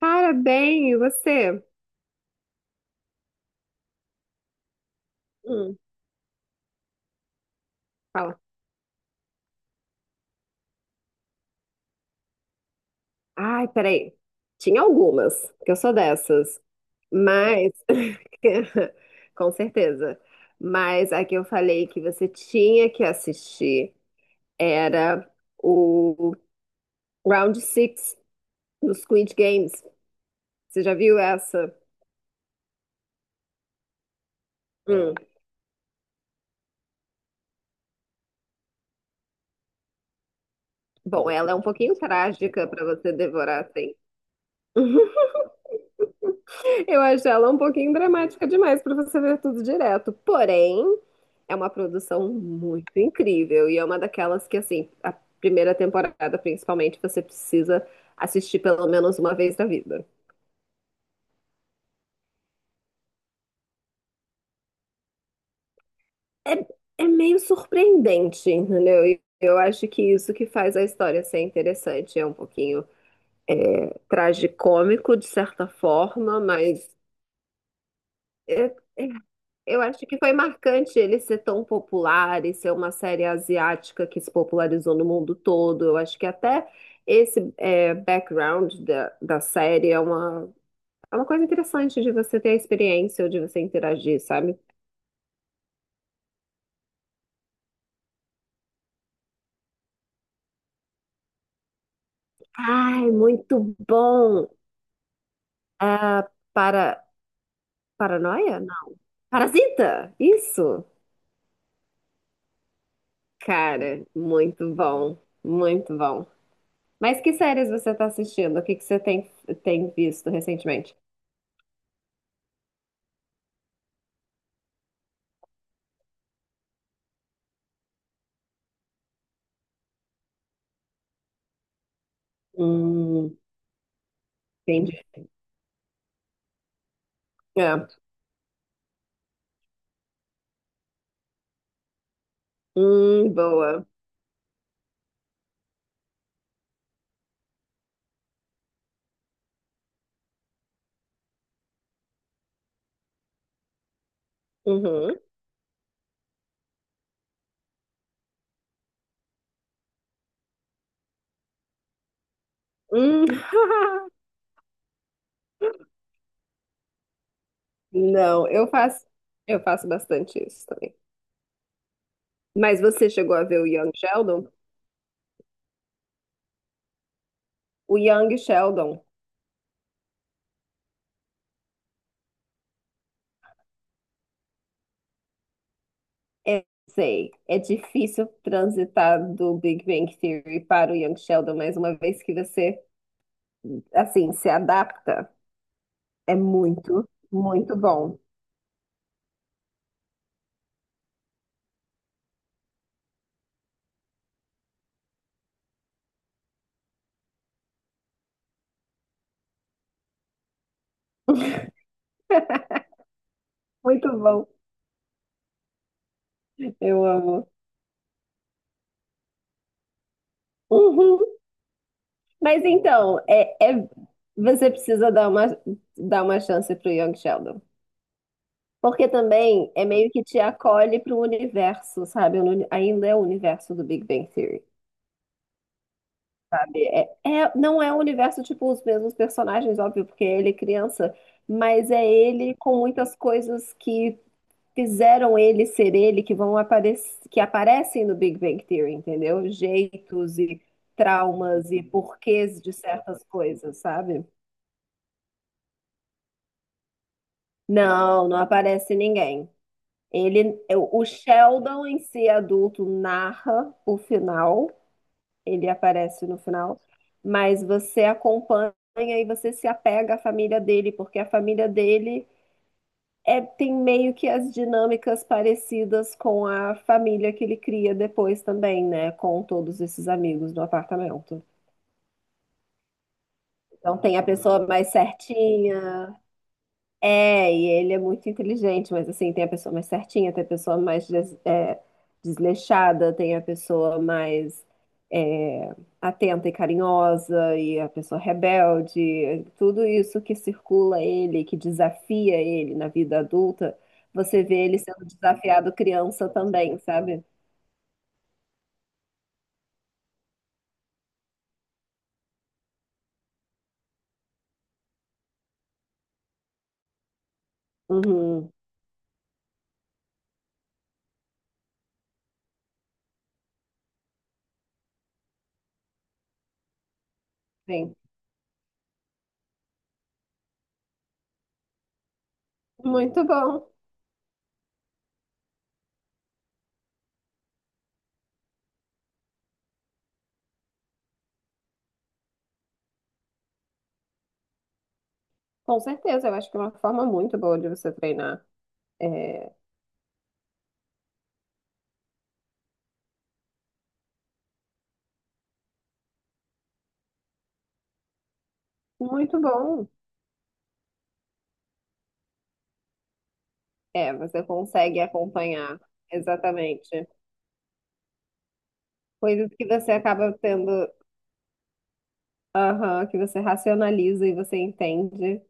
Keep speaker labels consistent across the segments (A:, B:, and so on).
A: Cara, bem, e você? Hum. Fala. Ai, peraí. Tinha algumas, que eu sou dessas. Mas, com certeza. Mas a que eu falei que você tinha que assistir era o Round Six do Squid Games. Você já viu essa? Hum. Bom, ela é um pouquinho trágica pra você devorar assim. Eu acho ela um pouquinho dramática demais pra você ver tudo direto. Porém, é uma produção muito incrível e é uma daquelas que, assim, a primeira temporada, principalmente, você precisa assistir pelo menos uma vez na vida. É, é meio surpreendente, entendeu? E eu acho que isso que faz a história ser interessante. É um pouquinho tragicômico, de certa forma, mas é, é eu acho que foi marcante ele ser tão popular e ser uma série asiática que se popularizou no mundo todo. Eu acho que até esse background da série é é uma coisa interessante de você ter a experiência ou de você interagir, sabe? Ai, muito bom! Ah, Para, paranoia? Não. Parasita! Isso! Cara, muito bom, muito bom. Mas que séries você está assistindo? O que que você tem, Tem visto recentemente? Hum, entendi. É. Boa. Uhum. Hum. Não, eu faço, Eu faço bastante isso também. Mas você chegou a ver o Young Sheldon? O Young Sheldon, é, sei, é difícil transitar do Big Bang Theory para o Young Sheldon, mas uma vez que você, assim, se adapta, é muito bom. Muito bom, eu amo. Uhum. Mas então, você precisa dar uma chance pro Young Sheldon. Porque também é meio que te acolhe para o universo, sabe? Ainda é o universo do Big Bang Theory, sabe? Não é o universo, tipo, os mesmos personagens, óbvio, porque ele é criança, mas é ele com muitas coisas que fizeram ele ser ele, que vão aparecer, que aparecem no Big Bang Theory, entendeu? Jeitos e traumas e porquês de certas coisas, sabe? Não, não aparece ninguém. Ele, é, o Sheldon em si adulto narra o final, ele aparece no final, mas você acompanha e você se apega à família dele, porque a família dele tem meio que as dinâmicas parecidas com a família que ele cria depois também, né? Com todos esses amigos do apartamento. Então tem a pessoa mais certinha. É, e ele é muito inteligente, mas assim, tem a pessoa mais certinha, tem a pessoa mais desleixada, tem a pessoa mais é, atenta e carinhosa, e a pessoa rebelde, tudo isso que circula ele, que desafia ele na vida adulta, você vê ele sendo desafiado criança também, sabe? Uhum, sim. Muito bom, com certeza, eu acho que é uma forma muito boa de você treinar. É, muito bom. É, você consegue acompanhar, exatamente. Coisas que você acaba tendo, aham, que você racionaliza e você entende,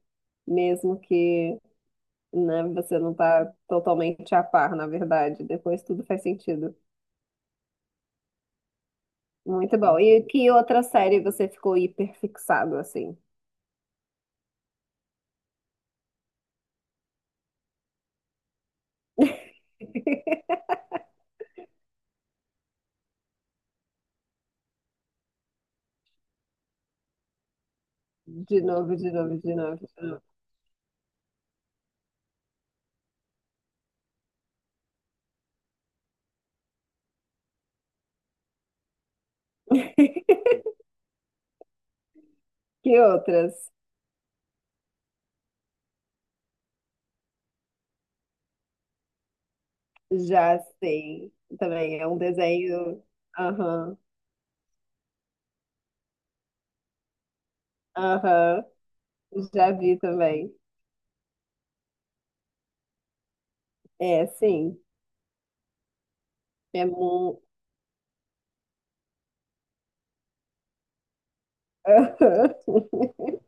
A: mesmo que, né, você não tá totalmente a par, na verdade. Depois tudo faz sentido. Muito bom. E que outra série você ficou hiperfixado, assim? De novo, de novo, de novo, de novo. Que outras? Já sei. Também é um desenho. Aham, aham. Já vi também. É, sim. É muito.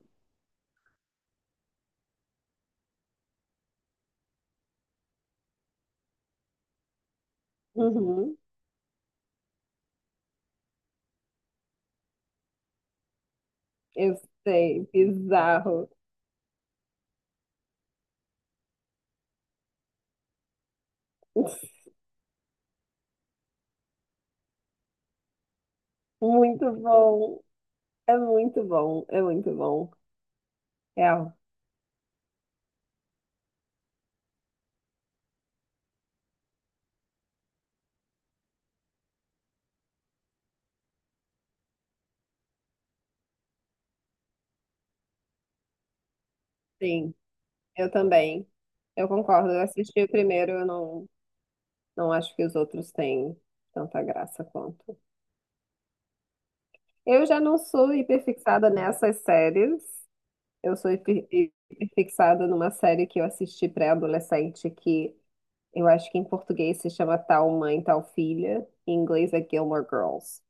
A: Uhum, eu sei, bizarro. Muito bom. É muito bom, é muito bom. É, sim, eu também. Eu concordo. Eu assisti o primeiro, eu não, não acho que os outros têm tanta graça quanto. Eu já não sou hiperfixada nessas séries. Eu sou hiperfixada numa série que eu assisti pré-adolescente que eu acho que em português se chama Tal Mãe, Tal Filha, em inglês é Gilmore Girls.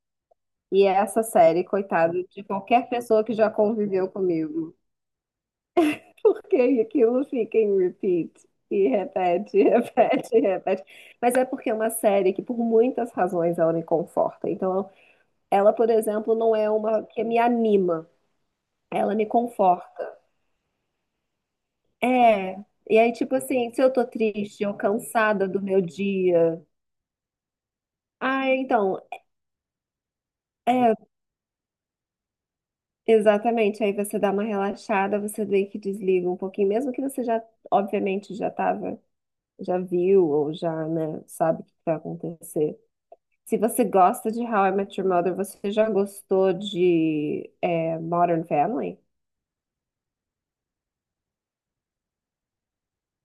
A: E é essa série, coitada de qualquer pessoa que já conviveu comigo, porque aquilo fica em repeat. E repete, repete, repete. Mas é porque é uma série que, por muitas razões, ela me conforta. Então, ela, por exemplo, não é uma que me anima, ela me conforta. É. E aí, tipo assim, se eu tô triste ou cansada do meu dia, ah, então, é exatamente, aí você dá uma relaxada, você vê que desliga um pouquinho, mesmo que você obviamente, já tava, já viu ou já, né, sabe o que vai acontecer. Se você gosta de How I Met Your Mother, você já gostou de Modern Family?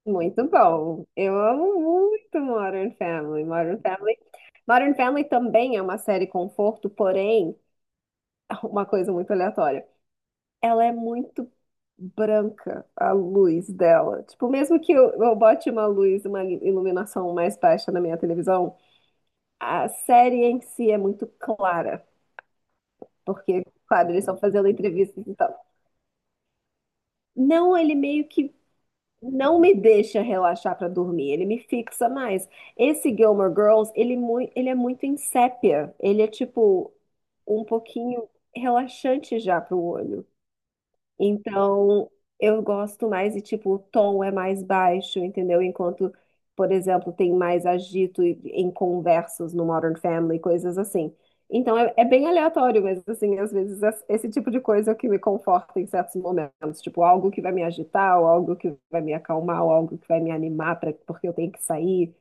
A: Muito bom. Eu amo muito Modern Family. Modern Family. Modern Family também é uma série conforto, porém, uma coisa muito aleatória. Ela é muito branca, a luz dela. Tipo, mesmo que eu bote uma luz, uma iluminação mais baixa na minha televisão, a série em si é muito clara, porque, claro, eles estão fazendo entrevistas e tal. Não, ele meio que não me deixa relaxar pra dormir, ele me fixa mais. Esse Gilmore Girls, ele é muito em sépia, ele é tipo um pouquinho relaxante já pro olho. Então, eu gosto mais e, tipo, o tom é mais baixo, entendeu? Enquanto, por exemplo, tem mais em conversas no Modern Family, coisas assim. Então, é, é bem aleatório, mas, assim, às vezes esse tipo de coisa é o que me conforta em certos momentos. Tipo, algo que vai me agitar, ou algo que vai me acalmar, ou algo que vai me animar pra, porque eu tenho que sair.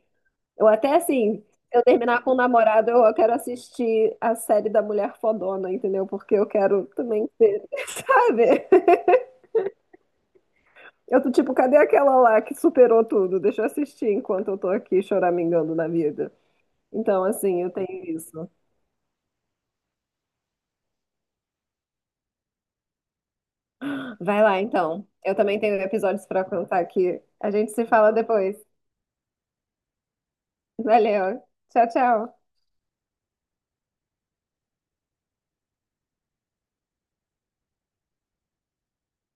A: Ou até, assim, eu terminar com o namorado, eu quero assistir a série da Mulher Fodona, entendeu? Porque eu quero também ser, sabe? Eu tô tipo, cadê aquela lá que superou tudo? Deixa eu assistir enquanto eu tô aqui choramingando na vida. Então, assim, eu tenho isso. Vai lá, então. Eu também tenho episódios pra contar aqui. A gente se fala depois. Valeu. Tchau, tchau.